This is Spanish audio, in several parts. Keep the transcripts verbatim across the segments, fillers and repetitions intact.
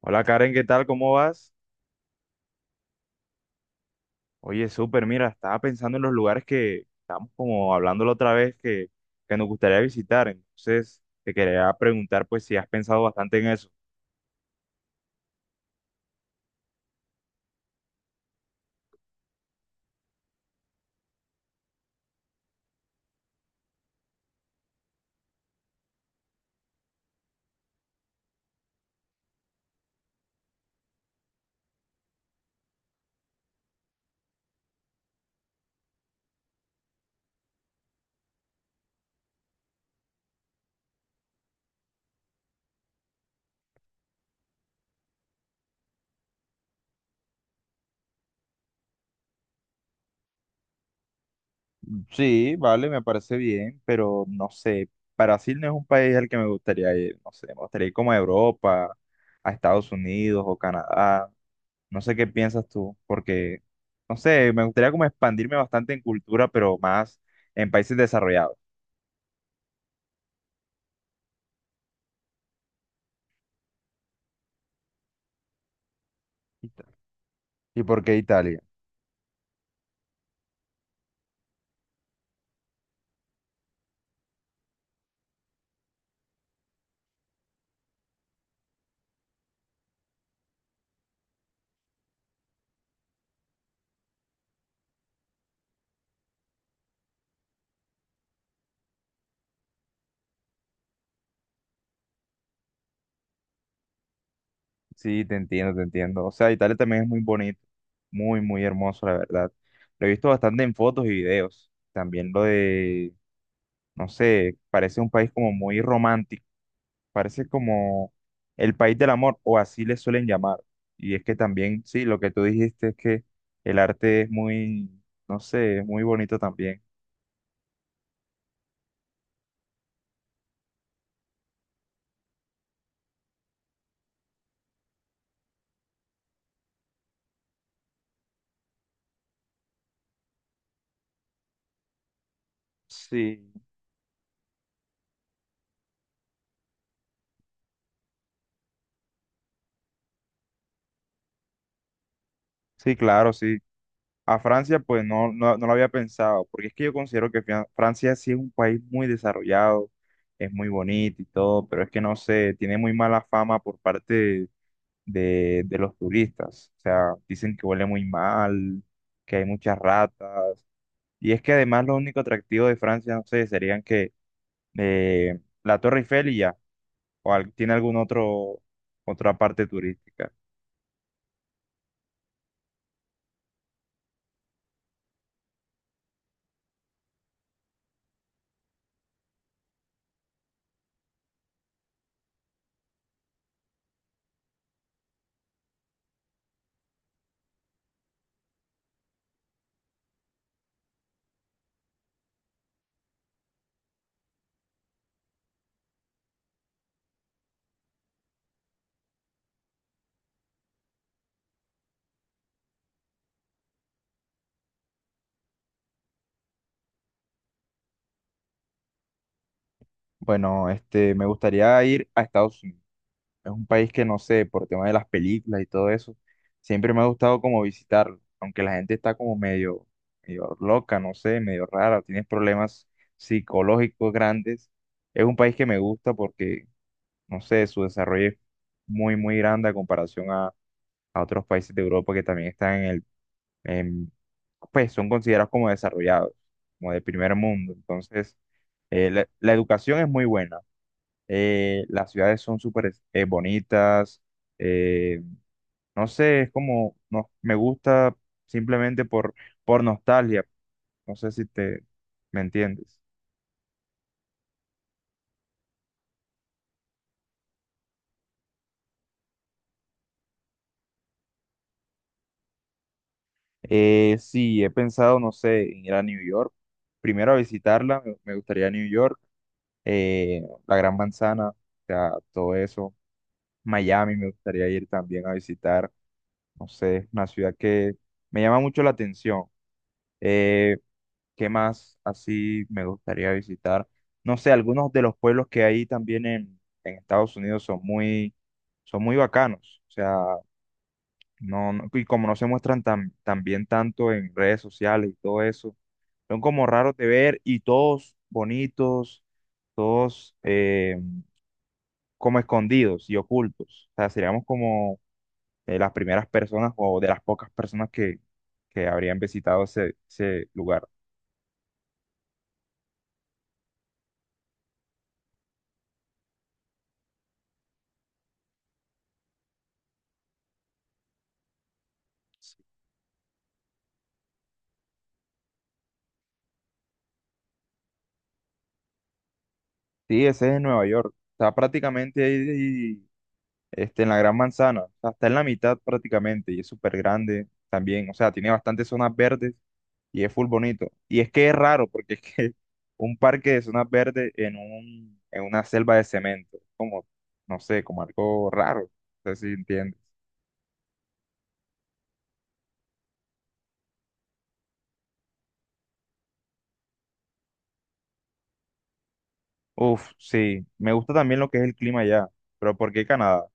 Hola Karen, ¿qué tal? ¿Cómo vas? Oye, súper, mira, estaba pensando en los lugares que estamos como hablando la otra vez que, que nos gustaría visitar. Entonces, te quería preguntar pues si has pensado bastante en eso. Sí, vale, me parece bien, pero no sé, Brasil no es un país al que me gustaría ir, no sé, me gustaría ir como a Europa, a Estados Unidos o Canadá, no sé qué piensas tú, porque, no sé, me gustaría como expandirme bastante en cultura, pero más en países desarrollados. Ita- ¿Y por qué Italia? Sí, te entiendo, te entiendo. O sea, Italia también es muy bonito, muy, muy hermoso, la verdad. Lo he visto bastante en fotos y videos. También lo de, no sé, parece un país como muy romántico, parece como el país del amor, o así le suelen llamar. Y es que también, sí, lo que tú dijiste es que el arte es muy, no sé, es muy bonito también. Sí. Sí, claro, sí. A Francia, pues no, no, no lo había pensado, porque es que yo considero que Fran- Francia sí es un país muy desarrollado, es muy bonito y todo, pero es que no sé, tiene muy mala fama por parte de, de los turistas. O sea, dicen que huele muy mal, que hay muchas ratas. Y es que además lo único atractivo de Francia, no sé, serían que eh, la Torre Eiffel y ya, o al- tiene algún otro, otra parte turística. Bueno, este, me gustaría ir a Estados Unidos. Es un país que no sé, por tema de las películas y todo eso, siempre me ha gustado como visitarlo, aunque la gente está como medio, medio loca, no sé, medio rara, tienes problemas psicológicos grandes. Es un país que me gusta porque, no sé, su desarrollo es muy, muy grande a comparación a, a otros países de Europa que también están en el, en- pues son considerados como desarrollados, como de primer mundo. Entonces, eh, la la educación es muy buena, eh, las ciudades son súper eh, bonitas, eh, no sé, es como, no, me gusta simplemente por, por nostalgia, no sé si te, ¿me entiendes? Eh, sí, he pensado, no sé, en ir a New York, primero a visitarla, me, me gustaría New York, eh, la Gran Manzana, o sea, todo eso, Miami me gustaría ir también a visitar, no sé, es una ciudad que me llama mucho la atención. Eh, ¿Qué más así me gustaría visitar? No sé, algunos de los pueblos que hay también en, en Estados Unidos son muy, son muy bacanos. O sea, no, no- y como no se muestran tan, tan bien tanto en redes sociales y todo eso, son como raros de ver y todos bonitos, todos eh, como escondidos y ocultos. O sea, seríamos como de las primeras personas o de las pocas personas que, que habrían visitado ese, ese lugar. Sí, ese es en Nueva York. Está prácticamente ahí, este, en la Gran Manzana. O sea, está en la mitad prácticamente y es súper grande también. O sea, tiene bastantes zonas verdes y es full bonito. Y es que es raro porque es que un parque de zonas verdes en un, en una selva de cemento. Como, no sé, como algo raro. No sé si entiendes. Uf, sí. Me gusta también lo que es el clima allá. Pero ¿por qué Canadá?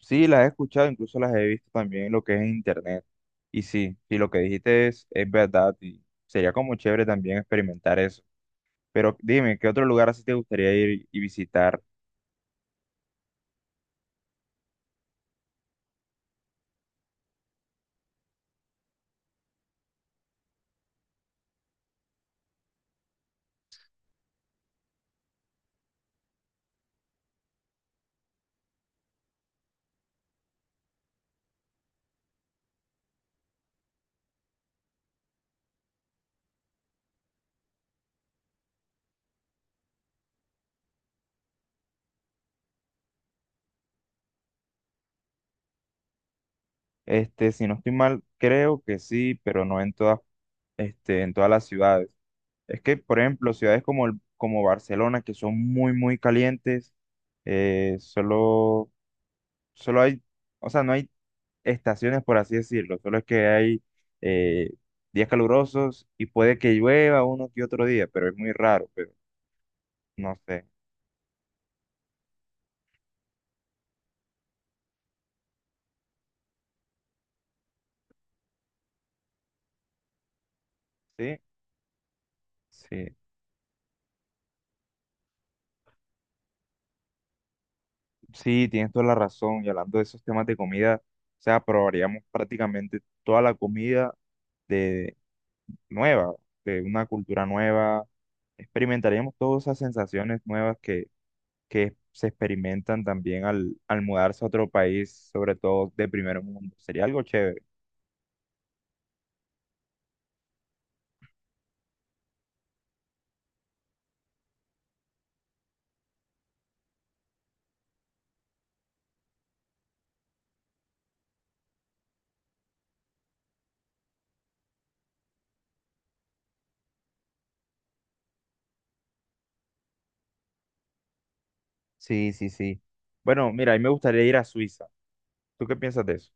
Sí, las he escuchado, incluso las he visto también en lo que es en internet. Y sí, y lo que dijiste es, es verdad y sería como chévere también experimentar eso. Pero dime, ¿qué otro lugar así te gustaría ir y visitar? Este, si no estoy mal, creo que sí, pero no en todas, este, en todas las ciudades. Es que, por ejemplo, ciudades como, el- como Barcelona, que son muy, muy calientes, eh, solo, solo hay, o sea, no hay estaciones, por así decirlo. Solo es que hay eh, días calurosos y puede que llueva uno que otro día, pero es muy raro, pero no sé. Sí, sí, sí, tienes toda la razón. Y hablando de esos temas de comida, o sea, probaríamos prácticamente toda la comida de nueva, de una cultura nueva. Experimentaríamos todas esas sensaciones nuevas que, que se experimentan también al, al mudarse a otro país, sobre todo de primer mundo. Sería algo chévere. Sí, sí, sí. Bueno, mira, a mí me gustaría ir a Suiza. ¿Tú qué piensas de eso?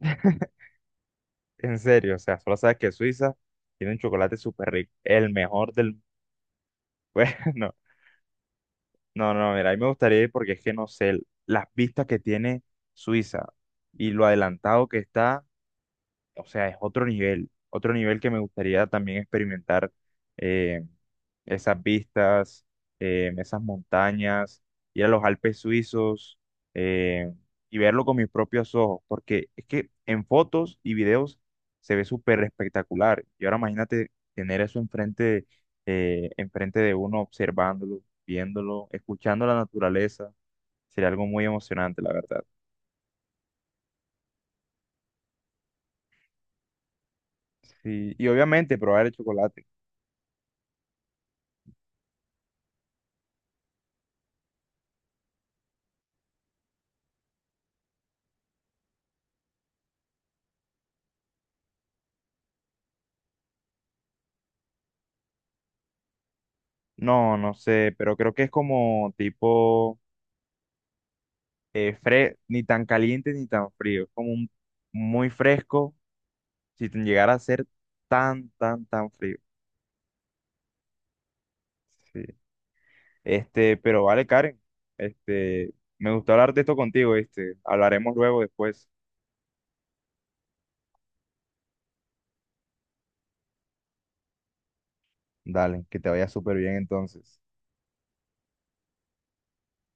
En serio, o sea, solo sabes que Suiza tiene un chocolate súper rico, el mejor del... Bueno, no, no, no, mira, a mí me gustaría ir porque es que no sé, las vistas que tiene Suiza y lo adelantado que está, o sea, es otro nivel, otro nivel que me gustaría también experimentar, eh, esas vistas, eh, esas montañas, ir a los Alpes suizos, eh, y verlo con mis propios ojos, porque es que en fotos y videos se ve súper espectacular. Y ahora imagínate tener eso enfrente, eh, enfrente de uno, observándolo, viéndolo, escuchando la naturaleza, sería algo muy emocionante, la verdad. Sí, y obviamente probar el chocolate. No, no sé, pero creo que es como tipo eh, fre- ni tan caliente ni tan frío, es como un- muy fresco si te llegara a ser tan, tan, tan frío. Sí. Este, pero vale, Karen, este, me gustó hablar de esto contigo, este, hablaremos luego después. Dale, que te vaya súper bien entonces.